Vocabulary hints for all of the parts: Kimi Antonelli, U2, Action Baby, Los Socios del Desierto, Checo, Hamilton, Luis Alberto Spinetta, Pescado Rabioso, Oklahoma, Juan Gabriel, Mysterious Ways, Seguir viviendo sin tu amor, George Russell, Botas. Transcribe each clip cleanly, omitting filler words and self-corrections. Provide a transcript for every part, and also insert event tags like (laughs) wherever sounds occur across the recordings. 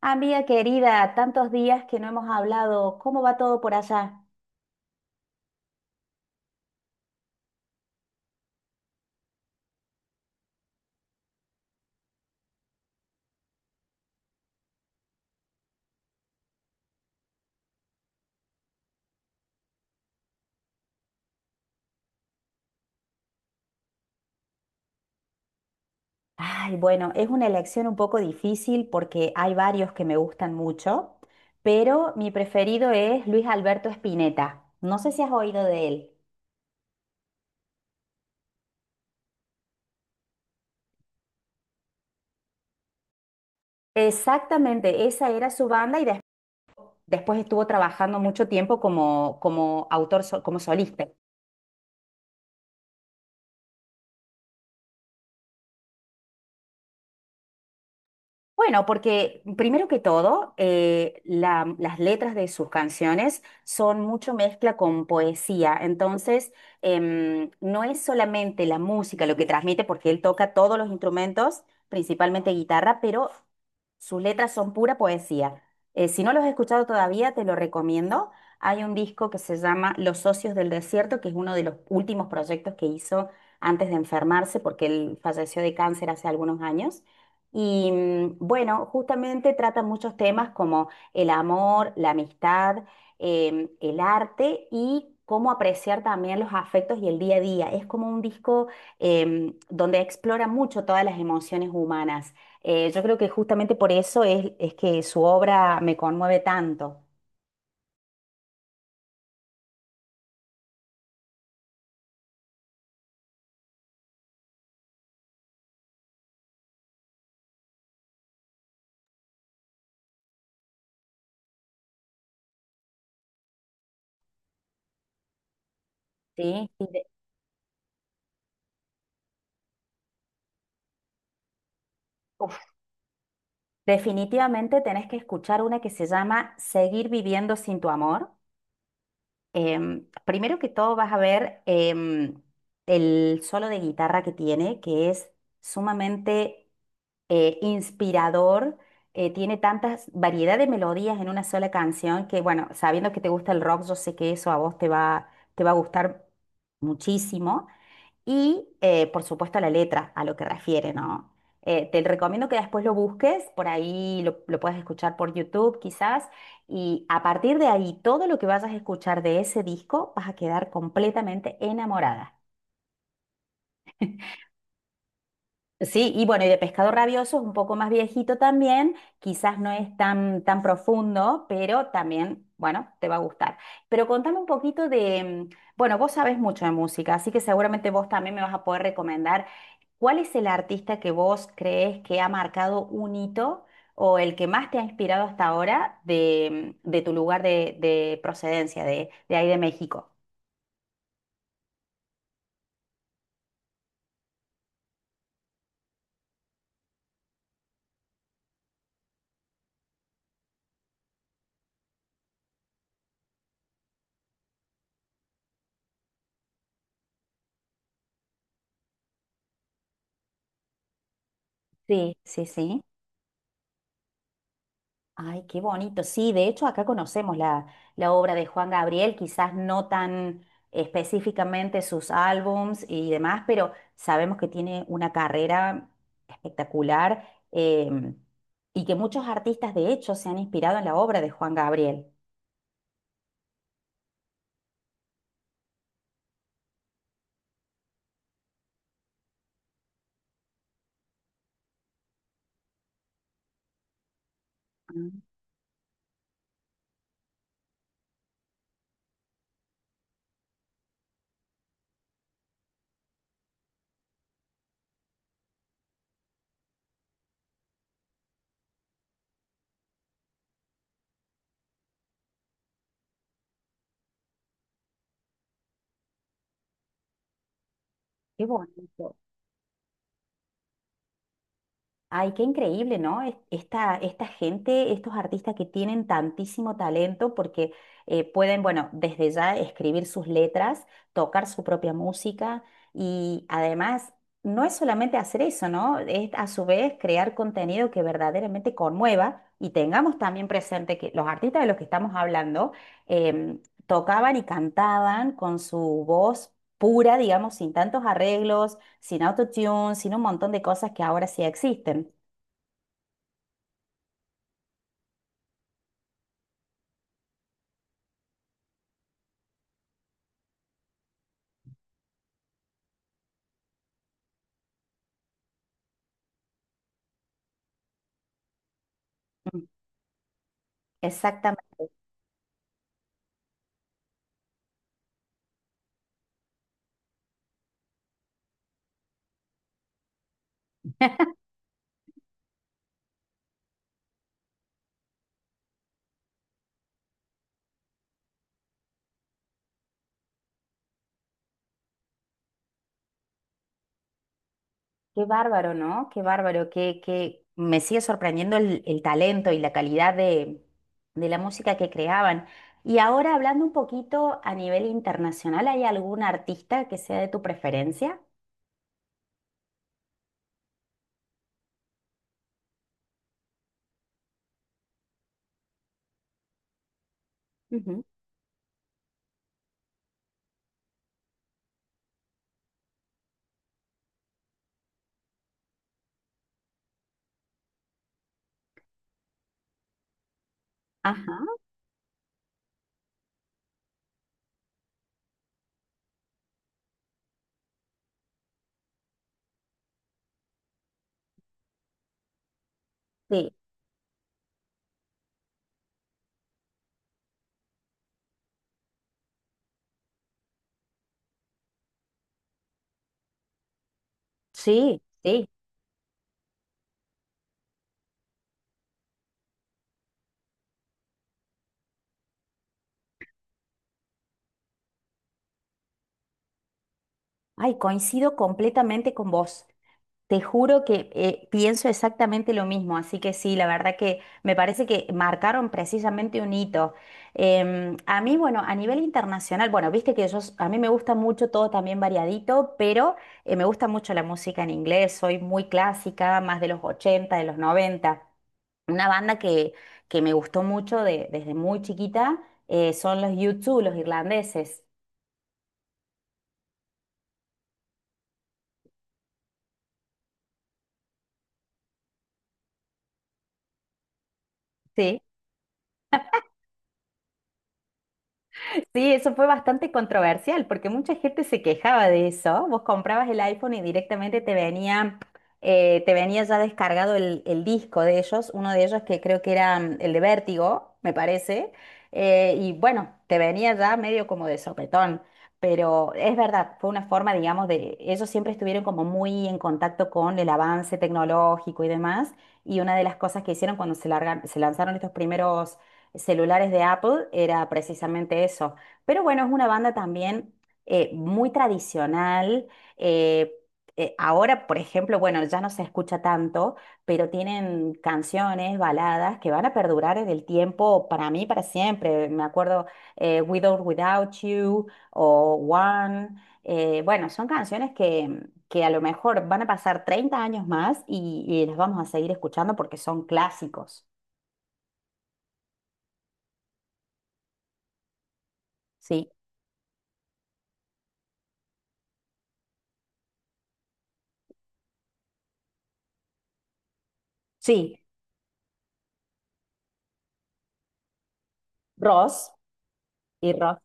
Amiga querida, tantos días que no hemos hablado, ¿cómo va todo por allá? Ay, bueno, es una elección un poco difícil porque hay varios que me gustan mucho, pero mi preferido es Luis Alberto Spinetta. No sé si has oído de él. Exactamente, esa era su banda y después estuvo trabajando mucho tiempo como autor, como solista. Bueno, porque primero que todo, las letras de sus canciones son mucho mezcla con poesía, entonces no es solamente la música lo que transmite, porque él toca todos los instrumentos, principalmente guitarra, pero sus letras son pura poesía. Si no los has escuchado todavía, te lo recomiendo. Hay un disco que se llama Los Socios del Desierto, que es uno de los últimos proyectos que hizo antes de enfermarse, porque él falleció de cáncer hace algunos años. Y bueno, justamente trata muchos temas como el amor, la amistad, el arte y cómo apreciar también los afectos y el día a día. Es como un disco donde explora mucho todas las emociones humanas. Yo creo que justamente por eso es que su obra me conmueve tanto. ¿Sí? Y uf, definitivamente tenés que escuchar una que se llama Seguir viviendo sin tu amor. Primero que todo vas a ver el solo de guitarra que tiene, que es sumamente inspirador. Tiene tantas variedad de melodías en una sola canción que, bueno, sabiendo que te gusta el rock, yo sé que eso a vos te va a gustar muchísimo. Y, por supuesto, la letra, a lo que refiere, ¿no? Te recomiendo que después lo busques, por ahí lo puedes escuchar por YouTube quizás, y a partir de ahí, todo lo que vayas a escuchar de ese disco, vas a quedar completamente enamorada. Sí, y bueno, y de pescado rabioso es un poco más viejito también, quizás no es tan profundo, pero también, bueno, te va a gustar. Pero contame un poquito de, bueno, vos sabés mucho de música, así que seguramente vos también me vas a poder recomendar cuál es el artista que vos crees que ha marcado un hito o el que más te ha inspirado hasta ahora de, de tu lugar de procedencia, de ahí de México. Sí, sí, sí. Ay, qué bonito. Sí, de hecho acá conocemos la obra de Juan Gabriel, quizás no tan específicamente sus álbums y demás, pero sabemos que tiene una carrera espectacular y que muchos artistas de hecho se han inspirado en la obra de Juan Gabriel. Ah, qué bonito. Ay, qué increíble, ¿no? Esta gente, estos artistas que tienen tantísimo talento porque pueden, bueno, desde ya escribir sus letras, tocar su propia música y además no es solamente hacer eso, ¿no? Es a su vez crear contenido que verdaderamente conmueva y tengamos también presente que los artistas de los que estamos hablando em, tocaban y cantaban con su voz pura, digamos, sin tantos arreglos, sin autotune, sin un montón de cosas que ahora sí existen. Mm. Exactamente. Qué bárbaro, ¿no? Qué bárbaro, que me sigue sorprendiendo el talento y la calidad de la música que creaban. Y ahora hablando un poquito a nivel internacional, ¿hay algún artista que sea de tu preferencia? Ujú. Ajá, sí, sí, sí. Ay, coincido completamente con vos. Te juro que pienso exactamente lo mismo, así que sí, la verdad que me parece que marcaron precisamente un hito. A mí, bueno, a nivel internacional, bueno, viste que yo, a mí me gusta mucho todo también variadito, pero me gusta mucho la música en inglés, soy muy clásica, más de los 80, de los 90. Una banda que me gustó mucho desde muy chiquita son los U2, los irlandeses. Sí. Sí, eso fue bastante controversial porque mucha gente se quejaba de eso. Vos comprabas el iPhone y directamente te venía ya descargado el disco de ellos, uno de ellos que creo que era el de Vértigo, me parece. Y bueno, te venía ya medio como de sopetón. Pero es verdad, fue una forma, digamos. Ellos siempre estuvieron como muy en contacto con el avance tecnológico y demás. Y una de las cosas que hicieron cuando se lanzaron estos primeros celulares de Apple era precisamente eso. Pero bueno, es una banda también muy tradicional. eh, ahora, por ejemplo, bueno, ya no se escucha tanto, pero tienen canciones, baladas que van a perdurar en el tiempo para mí, para siempre. Me acuerdo With or Without You o One. Bueno, son canciones que a lo mejor van a pasar 30 años más y las vamos a seguir escuchando porque son clásicos. Sí, sí, Ross y Ross.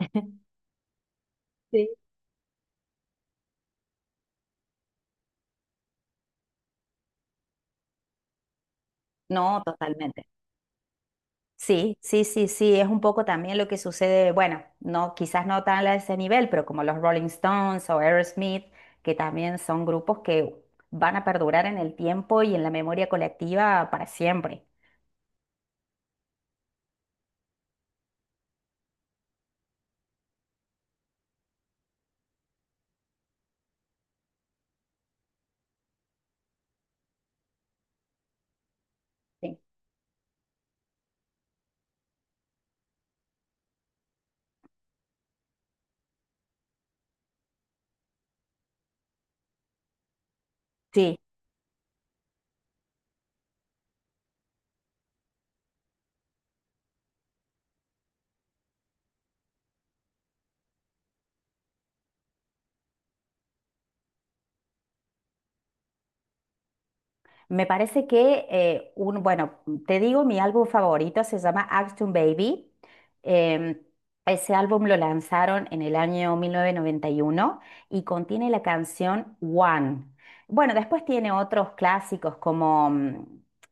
(laughs) Sí. No, totalmente. Sí, sí, sí, sí, es un poco también lo que sucede, bueno, no, quizás no tan a ese nivel, pero como los Rolling Stones o Aerosmith, que también son grupos que van a perdurar en el tiempo y en la memoria colectiva para siempre. Sí. Sí. Me parece que, un, bueno, te digo, mi álbum favorito se llama Action Baby. Em, ese álbum lo lanzaron en el año 1991 y uno y contiene la canción One. Bueno, después tiene otros clásicos como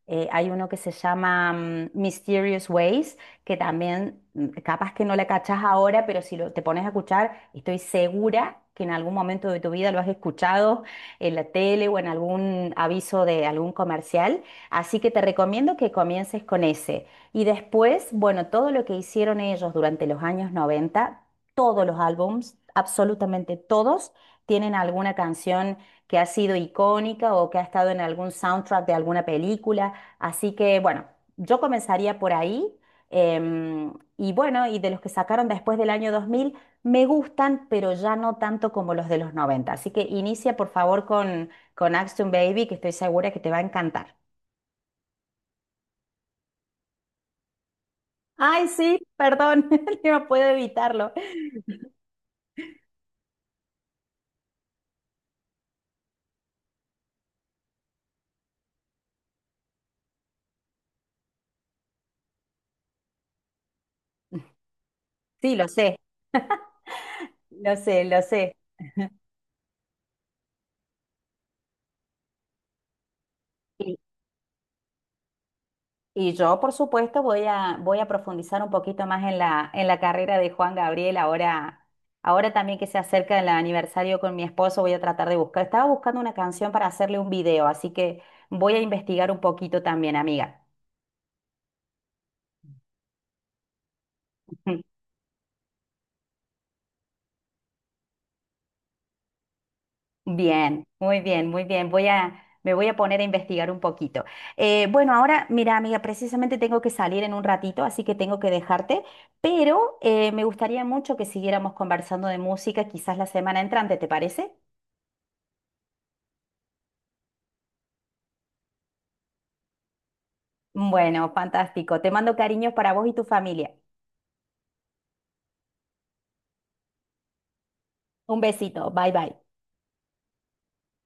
hay uno que se llama Mysterious Ways, que también capaz que no la cachás ahora, pero si lo- te pones a escuchar, estoy segura que en algún momento de tu vida lo has escuchado en la tele o en algún aviso de algún comercial. Así que te recomiendo que comiences con ese. Y después, bueno, todo lo que hicieron ellos durante los años 90, todos los álbums, absolutamente todos, tienen alguna canción que ha sido icónica o que ha estado en algún soundtrack de alguna película. Así que, bueno, yo comenzaría por ahí. Y bueno, y de los que sacaron después del año 2000 me gustan, pero ya no tanto como los de los 90. Así que inicia por favor con Action Baby, que estoy segura que te va a encantar. Ay, sí, perdón, (laughs) no puedo evitarlo. Sí, lo sé, lo sé, lo sé. Y, y yo, por supuesto, voy a profundizar un poquito más en la carrera de Juan Gabriel. Ahora también que se acerca el aniversario con mi esposo, voy a tratar de buscar. Estaba buscando una canción para hacerle un video, así que voy a investigar un poquito también, amiga. (laughs) Bien, muy bien, muy bien. Me voy a poner a investigar un poquito. Bueno, ahora, mira, amiga, precisamente tengo que salir en un ratito, así que tengo que dejarte, pero me gustaría mucho que siguiéramos conversando de música, quizás la semana entrante, ¿te parece? Bueno, fantástico. Te mando cariños para vos y tu familia. Un besito. Bye bye.